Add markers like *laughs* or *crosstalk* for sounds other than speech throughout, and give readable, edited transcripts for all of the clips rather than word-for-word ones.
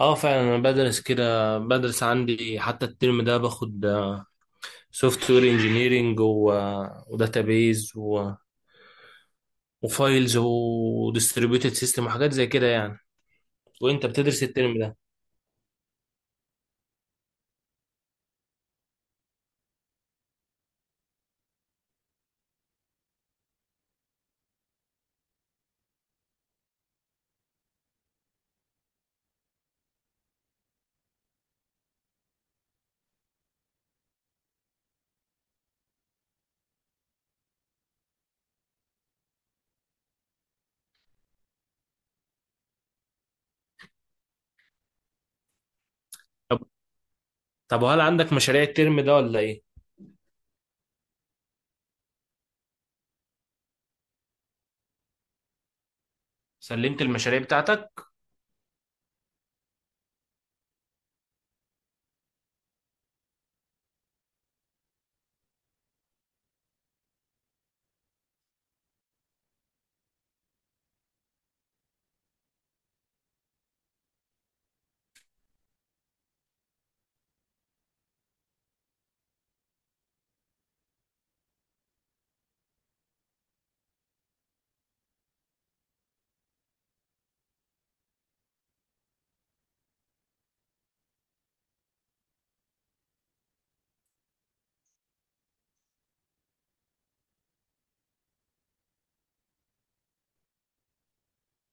اه فعلا انا بدرس كده بدرس عندي حتى الترم ده باخد سوفت وير انجينيرنج وداتابيز وفايلز وديستريبيوتد سيستم وحاجات زي كده يعني. وانت بتدرس الترم ده؟ طب طب وهل عندك مشاريع الترم ده ولا ايه؟ سلمت المشاريع بتاعتك؟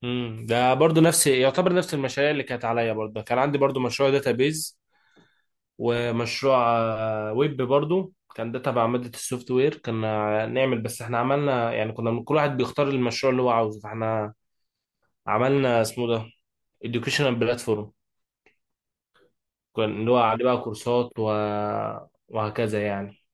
ده برضو نفس يعتبر نفس المشاريع اللي كانت عليا برضه، كان عندي برضو مشروع داتابيز ومشروع ويب برضو، كان ده تبع مادة السوفت وير كنا نعمل، بس احنا عملنا يعني كنا كل واحد بيختار المشروع اللي هو عاوزه، فاحنا عملنا اسمه ده educational platform، كان اللي هو عليه بقى كورسات وهكذا يعني.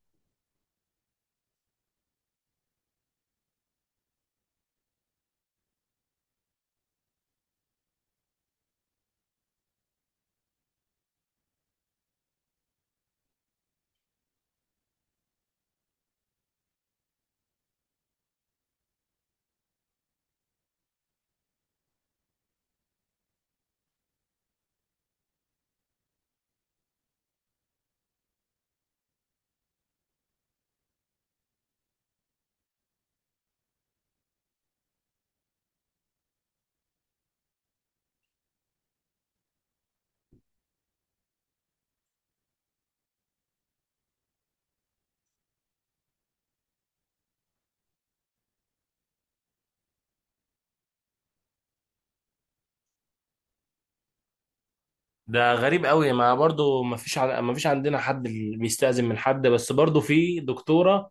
ده غريب قوي، ما برضو ما ما فيش عندنا حد اللي بيستأذن من حد، بس برضو في دكتورة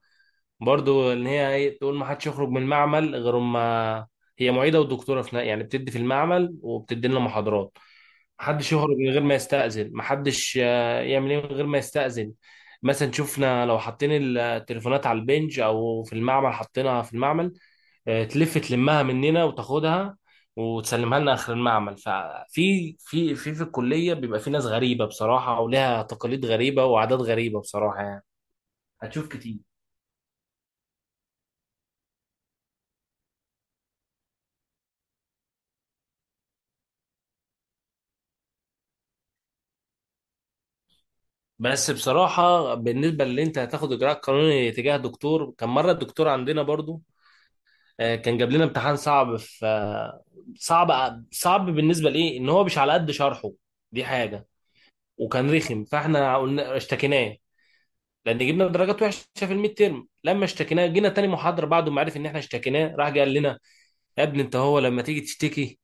برضو ان هي ايه تقول ما حدش يخرج من المعمل غير ما، هي معيده ودكتوره يعني بتدي في المعمل وبتدي لنا محاضرات، ما حدش يخرج من غير ما يستأذن، ما حدش يعمل ايه من غير ما يستأذن. مثلا شفنا لو حاطين التليفونات على البنج او في المعمل حاطينها في المعمل، تلف تلمها مننا وتاخدها وتسلمها لنا اخر المعمل. ففي في في في الكليه بيبقى في ناس غريبه بصراحه، ولها تقاليد غريبه وعادات غريبه بصراحه يعني. هتشوف كتير. بس بصراحة بالنسبة للي انت هتاخد اجراء قانوني تجاه دكتور، كان مرة الدكتور عندنا برضو كان جاب لنا امتحان صعب في صعب صعب بالنسبة لإيه، ان هو مش على قد شرحه، دي حاجة. وكان رخم، فاحنا قلنا اشتكيناه لان جبنا درجات وحشة في الميد تيرم. لما اشتكيناه، جينا تاني محاضرة بعد ما عرف ان احنا اشتكيناه، راح جه قال لنا يا ابني انت هو لما تيجي تشتكي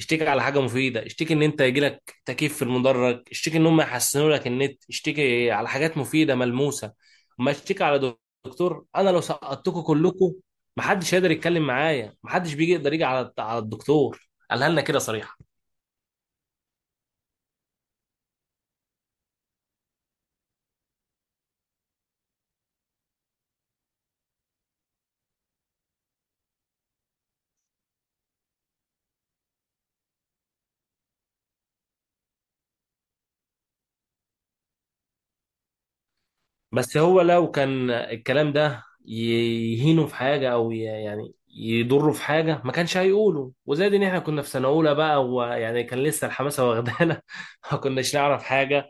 اشتكي على حاجه مفيده، اشتكي ان انت يجيلك تكييف في المدرج، اشتكي ان هم يحسنوا لك النت، اشتكي على حاجات مفيده ملموسه، ما اشتكي على دكتور. انا لو سقطتكم كلكم، محدش هيقدر يتكلم معايا، محدش بيجي يقدر يجي على الدكتور، قالها لنا كده صريحه. بس هو لو كان الكلام ده يهينه في حاجه او يعني يضره في حاجه ما كانش هيقوله. وزاد ان احنا كنا في سنه اولى بقى، ويعني كان لسه الحماسه واخدانا *laughs* ما كناش نعرف حاجه،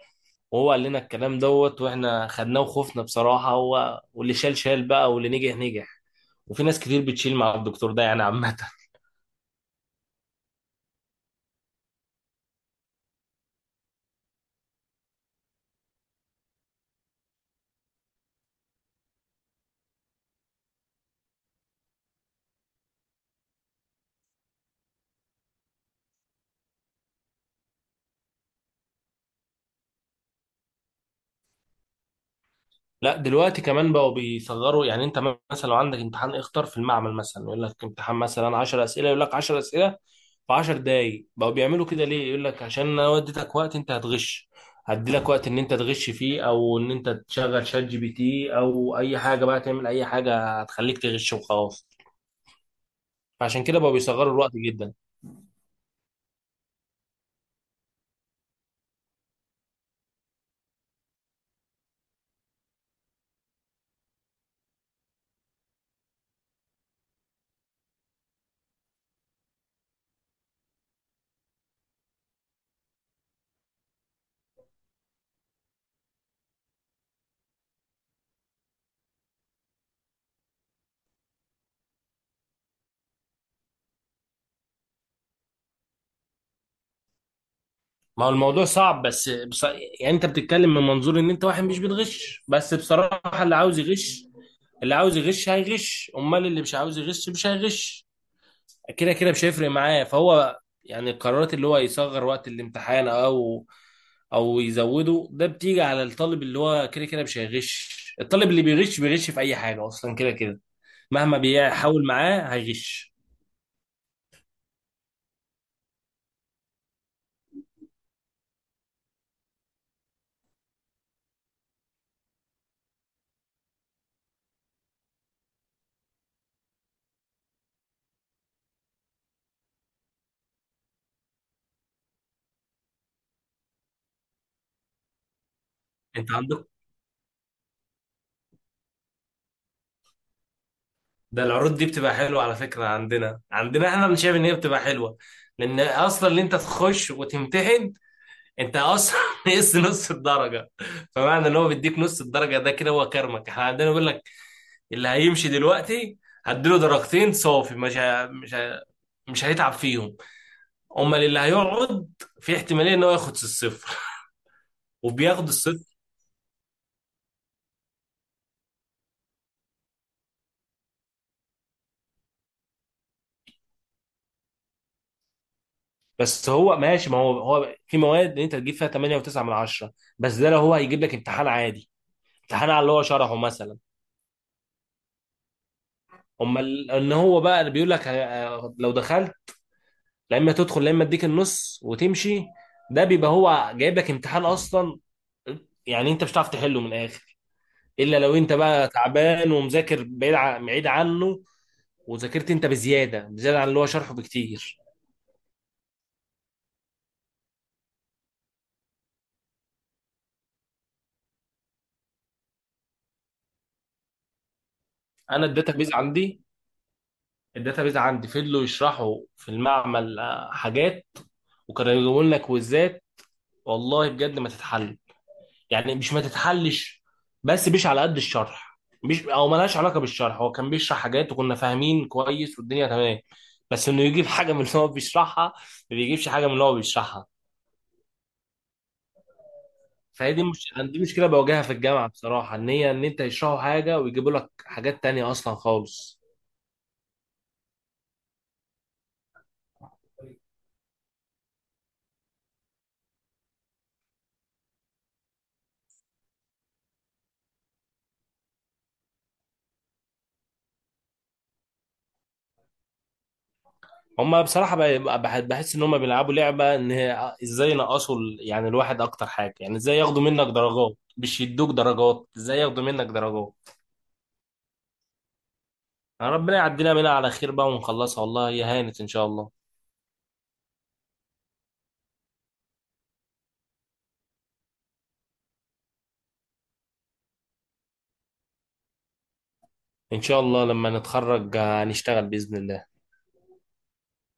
وهو قال لنا الكلام دوت واحنا خدناه وخفنا بصراحة. هو واللي شال شال بقى واللي نجح نجح، وفي ناس كتير بتشيل مع الدكتور ده يعني عامة. *laughs* لا دلوقتي كمان بقوا بيصغروا يعني. انت مثلا لو عندك امتحان اختار في المعمل، مثلا يقول لك امتحان مثلا 10 اسئلة، يقول لك 10 اسئلة في 10 دقايق. بقوا بيعملوا كده ليه؟ يقول لك عشان انا وديتك وقت انت هتغش، هدي لك وقت ان انت تغش فيه، او ان انت تشغل شات جي بي تي او اي حاجة بقى، تعمل اي حاجة هتخليك تغش وخلاص. فعشان كده بقوا بيصغروا الوقت جدا. ما هو الموضوع صعب، بس يعني انت بتتكلم من منظور ان انت واحد مش بتغش، بس بصراحة اللي عاوز يغش، اللي عاوز يغش هيغش، امال اللي مش عاوز يغش مش هيغش، كده كده مش هيفرق معاه. فهو يعني القرارات اللي هو يصغر وقت الامتحان او او يزوده، ده بتيجي على الطالب اللي هو كده كده مش هيغش. الطالب اللي بيغش بيغش في اي حاجة اصلا، كده كده مهما بيحاول معاه هيغش. انت عندك ده العروض دي بتبقى حلوة على فكرة. عندنا احنا مش شايف ان هي بتبقى حلوة، لان اصلا اللي انت تخش وتمتحن، انت اصلا *laughs* نقص نص الدرجة، فمعنى ان هو بيديك نص الدرجة ده كده هو كرمك. احنا عندنا بيقول لك اللي هيمشي دلوقتي هديله درجتين صافي، مش هيتعب فيهم. امال اللي هيقعد، في احتمالية ان هو ياخد الصفر *laughs* وبياخد الصفر. بس هو ماشي، ما هو هو في مواد انت تجيب فيها 8 و9 من 10، بس ده لو هو هيجيب لك امتحان عادي، امتحان على اللي هو شرحه مثلا. ان هو بقى اللي بيقول لك لو دخلت، لا اما تدخل لا اما اديك النص وتمشي، ده بيبقى هو جايب لك امتحان اصلا يعني انت مش هتعرف تحله من الاخر، الا لو انت بقى تعبان ومذاكر بعيد عنه وذاكرت انت بزياده عن اللي هو شرحه بكتير. انا الداتابيز عندي فضلوا يشرحوا في المعمل حاجات وكانوا يجيبوا لنا كويزات، والله بجد ما تتحل، يعني مش ما تتحلش بس مش على قد الشرح، مش او ملهاش علاقه بالشرح. هو كان بيشرح حاجات وكنا فاهمين كويس والدنيا تمام، بس انه يجيب *laughs* حاجه من اللي هو بيشرحها، ما بيجيبش حاجه من اللي هو بيشرحها. فهي دي مش دي مشكله بواجهها في الجامعه بصراحه، ان هي ان انت يشرحوا حاجه ويجيبوا لك حاجات تانية اصلا خالص. هما بصراحه بحس ان هما بيلعبوا لعبه ان هي ازاي ينقصوا يعني الواحد اكتر حاجه، يعني ازاي ياخدوا منك درجات مش يدوك درجات، ازاي ياخدوا منك درجات. ربنا يعدينا منها على خير بقى ونخلصها، والله هي هانت ان شاء الله. ان شاء الله لما نتخرج هنشتغل باذن الله.